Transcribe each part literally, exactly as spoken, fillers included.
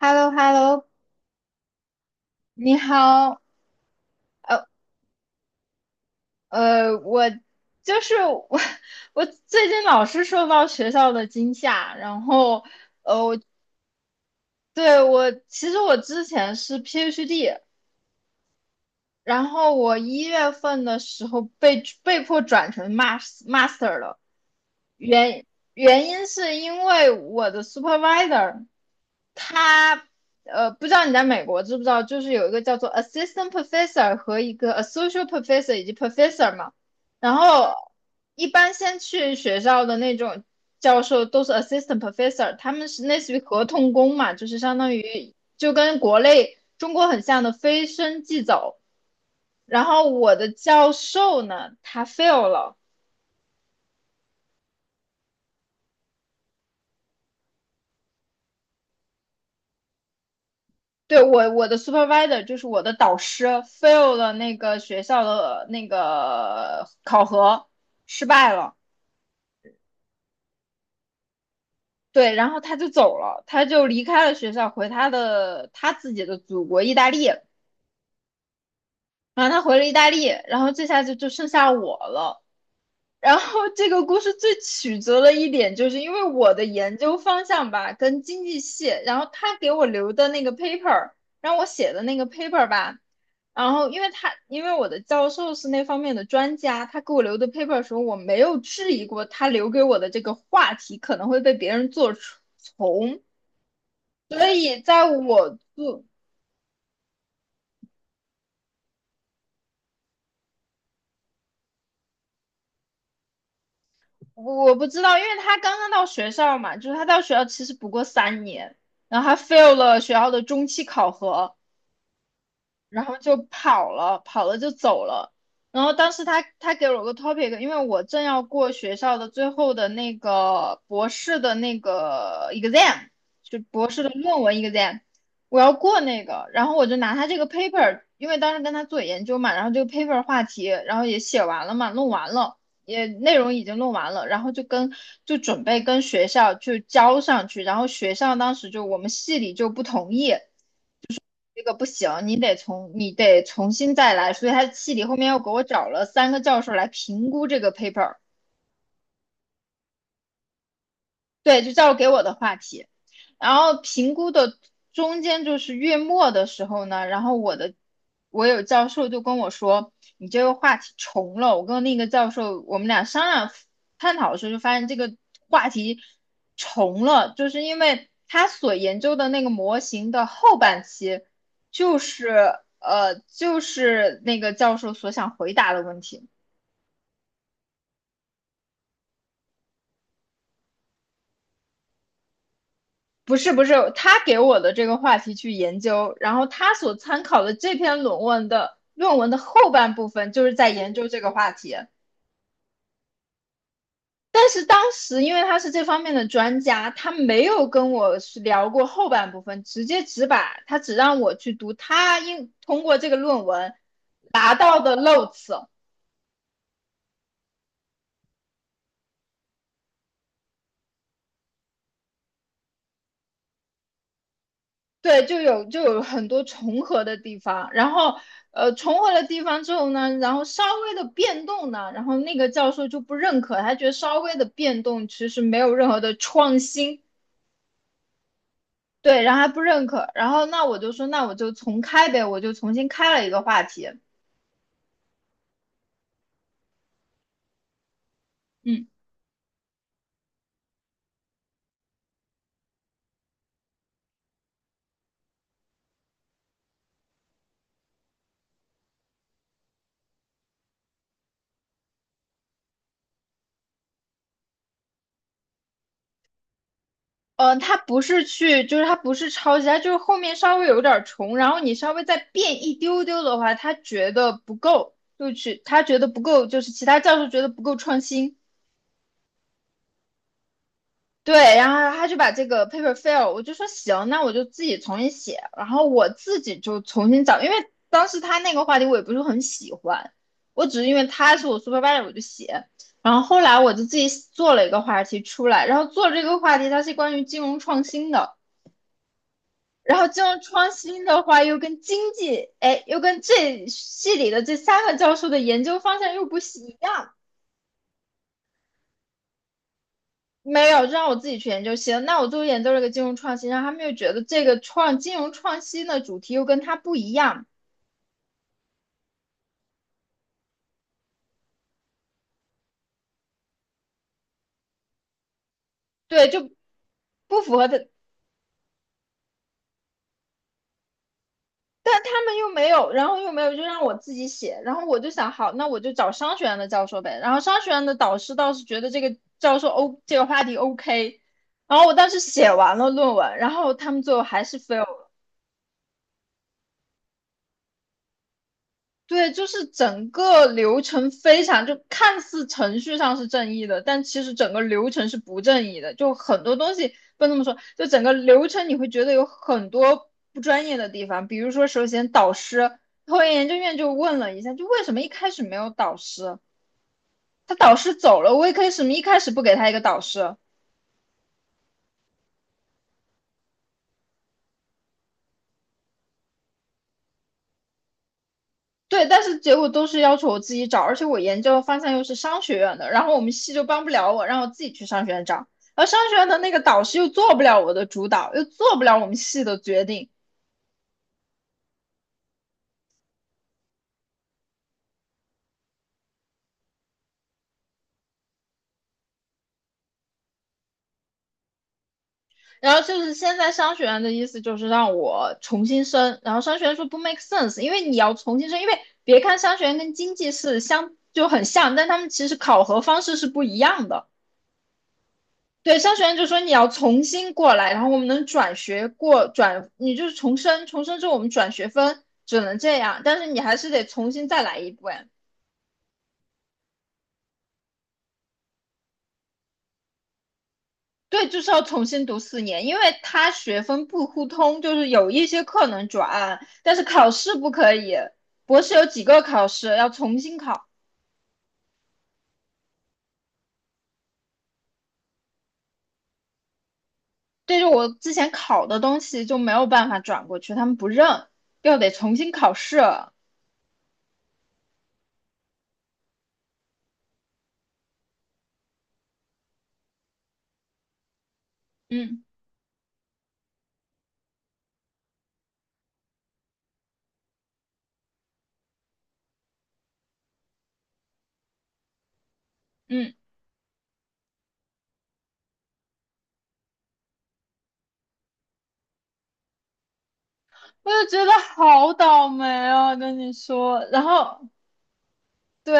h e l l o h e l l o 你好，呃呃，我就是我，我最近老是受到学校的惊吓，然后呃，我对我其实我之前是 PhD。然后我一月份的时候被被迫转成 mas master 了。原原因是因为我的 supervisor 他呃不知道你在美国知不知道，就是有一个叫做 assistant professor 和一个 associate professor 以及 professor 嘛。然后一般先去学校的那种教授都是 assistant professor，他们是类似于合同工嘛，就是相当于就跟国内中国很像的非升即走。然后我的教授呢，他 fail 了。对，我我的 supervisor 就是我的导师 fail 了那个学校的那个考核，失败了。对，然后他就走了，他就离开了学校，回他的他自己的祖国意大利。然后他回了意大利，然后这下就就剩下我了。然后这个故事最曲折的一点，就是因为我的研究方向吧，跟经济系，然后他给我留的那个 paper，让我写的那个 paper 吧。然后因为他，因为我的教授是那方面的专家，他给我留的 paper 的时候，我没有质疑过他留给我的这个话题可能会被别人做从，所以在我做，我不知道，因为他刚刚到学校嘛，就是他到学校其实不过三年，然后他 fail 了学校的中期考核。然后就跑了，跑了就走了。然后当时他他给了我个 topic，因为我正要过学校的最后的那个博士的那个 exam，就博士的论文 exam。我要过那个，然后我就拿他这个 paper，因为当时跟他做研究嘛，然后这个 paper 话题，然后也写完了嘛，弄完了，也内容已经弄完了，然后就跟就准备跟学校去交上去，然后学校当时就我们系里就不同意。这个不行，你得从你得重新再来。所以他系里后面又给我找了三个教授来评估这个 paper。对，就教授给我的话题，然后评估的中间就是月末的时候呢，然后我的我有教授就跟我说，你这个话题重了。我跟那个教授我们俩商量探讨的时候，就发现这个话题重了，就是因为他所研究的那个模型的后半期，就是呃就是那个教授所想回答的问题。不是不是，他给我的这个话题去研究，然后他所参考的这篇论文的论文的后半部分就是在研究这个话题。但是当时因为他是这方面的专家，他没有跟我聊过后半部分，直接只把他只让我去读他应通过这个论文达到的 notes。对，就有就有很多重合的地方，然后呃重合的地方之后呢，然后稍微的变动呢，然后那个教授就不认可，他觉得稍微的变动其实没有任何的创新。对，然后他不认可，然后那我就说那我就重开呗，我就重新开了一个话题。嗯，呃，他不是去，就是他不是抄袭，他就是后面稍微有点儿重，然后你稍微再变一丢丢的话，他觉得不够，就去他觉得不够，就是其他教授觉得不够创新。对，然后他就把这个 paper fail，我就说行，那我就自己重新写，然后我自己就重新找，因为当时他那个话题我也不是很喜欢，我只是因为他是我 supervisor 我就写。然后后来我就自己做了一个话题出来，然后做这个话题它是关于金融创新的。然后金融创新的话又跟经济，哎，又跟这系里的这三个教授的研究方向又不一样。没有，就让我自己去研究行。那我就研究了个金融创新，然后他们又觉得这个创金融创新的主题又跟它不一样。对，就不符合的。但他们又没有，然后又没有，就让我自己写。然后我就想，好，那我就找商学院的教授呗。然后商学院的导师倒是觉得这个教授 O 这个话题 OK。然后我当时写完了论文，然后他们最后还是 fail。 对，就是整个流程非常，就看似程序上是正义的，但其实整个流程是不正义的。就很多东西不能这么说，就整个流程你会觉得有很多不专业的地方。比如说，首先导师，后来研究院就问了一下，就为什么一开始没有导师？他导师走了，威克为什么一开始不给他一个导师？对，但是结果都是要求我自己找，而且我研究的方向又是商学院的，然后我们系就帮不了我，让我自己去商学院找，而商学院的那个导师又做不了我的主导，又做不了我们系的决定。然后就是现在商学院的意思就是让我重新申，然后商学院说不 make sense，因为你要重新申，因为别看商学院跟经济是相就很像，但他们其实考核方式是不一样的。对，商学院就说你要重新过来，然后我们能转学过转，你就是重生重生之后我们转学分只能这样，但是你还是得重新再来一遍。对，就是要重新读四年，因为他学分不互通，就是有一些课能转，但是考试不可以。博士有几个考试要重新考，对着我之前考的东西就没有办法转过去，他们不认，又得重新考试。嗯嗯。我就觉得好倒霉啊，跟你说。然后对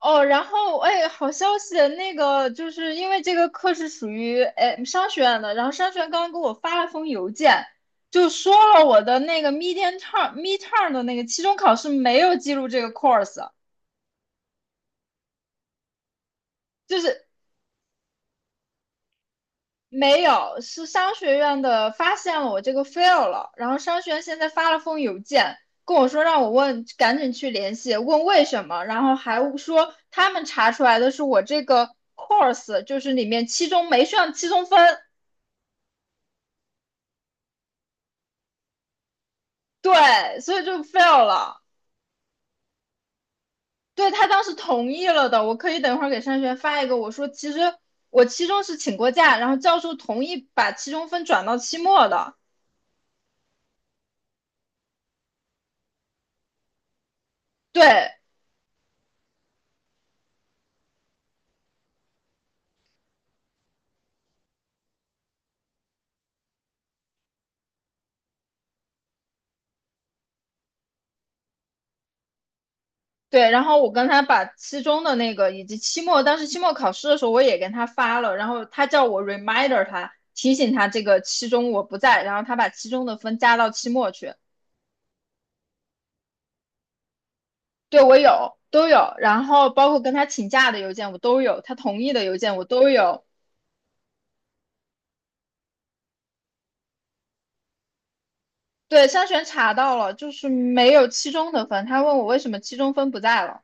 哦，然后哎，好消息，那个就是因为这个课是属于哎商学院的，然后商学院刚刚给我发了封邮件，就说了我的那个 mid term mid term 的那个期中考试没有记录这个 course。就是没有，是商学院的发现了我这个 fail 了，然后商学院现在发了封邮件跟我说让我问，赶紧去联系，问为什么，然后还说他们查出来的是我这个 course 就是里面期中没上期中分。对，所以就 fail 了。对，他当时同意了的，我可以等会儿给商学院发一个，我说其实我期中是请过假，然后教授同意把期中分转到期末的。对。对，然后我跟他把期中的那个以及期末，当时期末考试的时候我也跟他发了，然后他叫我 reminder 他提醒他这个期中我不在，然后他把期中的分加到期末去。对，我有都有，然后包括跟他请假的邮件我都有，他同意的邮件我都有。对，筛选查到了，就是没有期中的分，他问我为什么期中分不在了。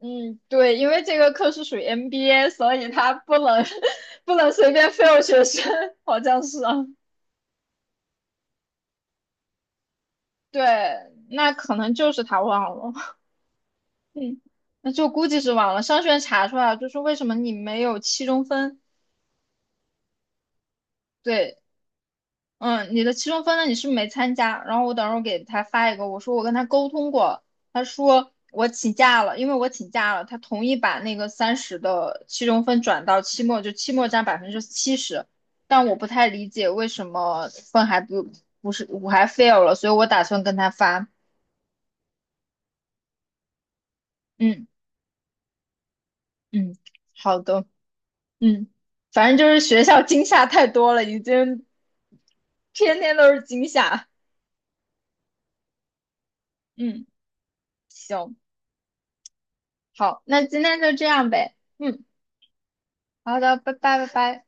嗯，对，因为这个课是属于 M B A，所以他不能 不能随便 fail 学生，好像是啊。对，那可能就是他忘了，嗯，那就估计是忘了。商学院查出来了，就是为什么你没有期中分？对，嗯，你的期中分呢，你是没参加。然后我等会儿给他发一个，我说我跟他沟通过，他说我请假了，因为我请假了，他同意把那个三十的期中分转到期末，就期末占百分之七十。但我不太理解为什么分还不不是我还 fail 了，所以我打算跟他发。嗯嗯，好的。嗯，反正就是学校惊吓太多了，已经天天都是惊吓。嗯，行，好，那今天就这样呗。嗯，好的，拜拜，拜拜。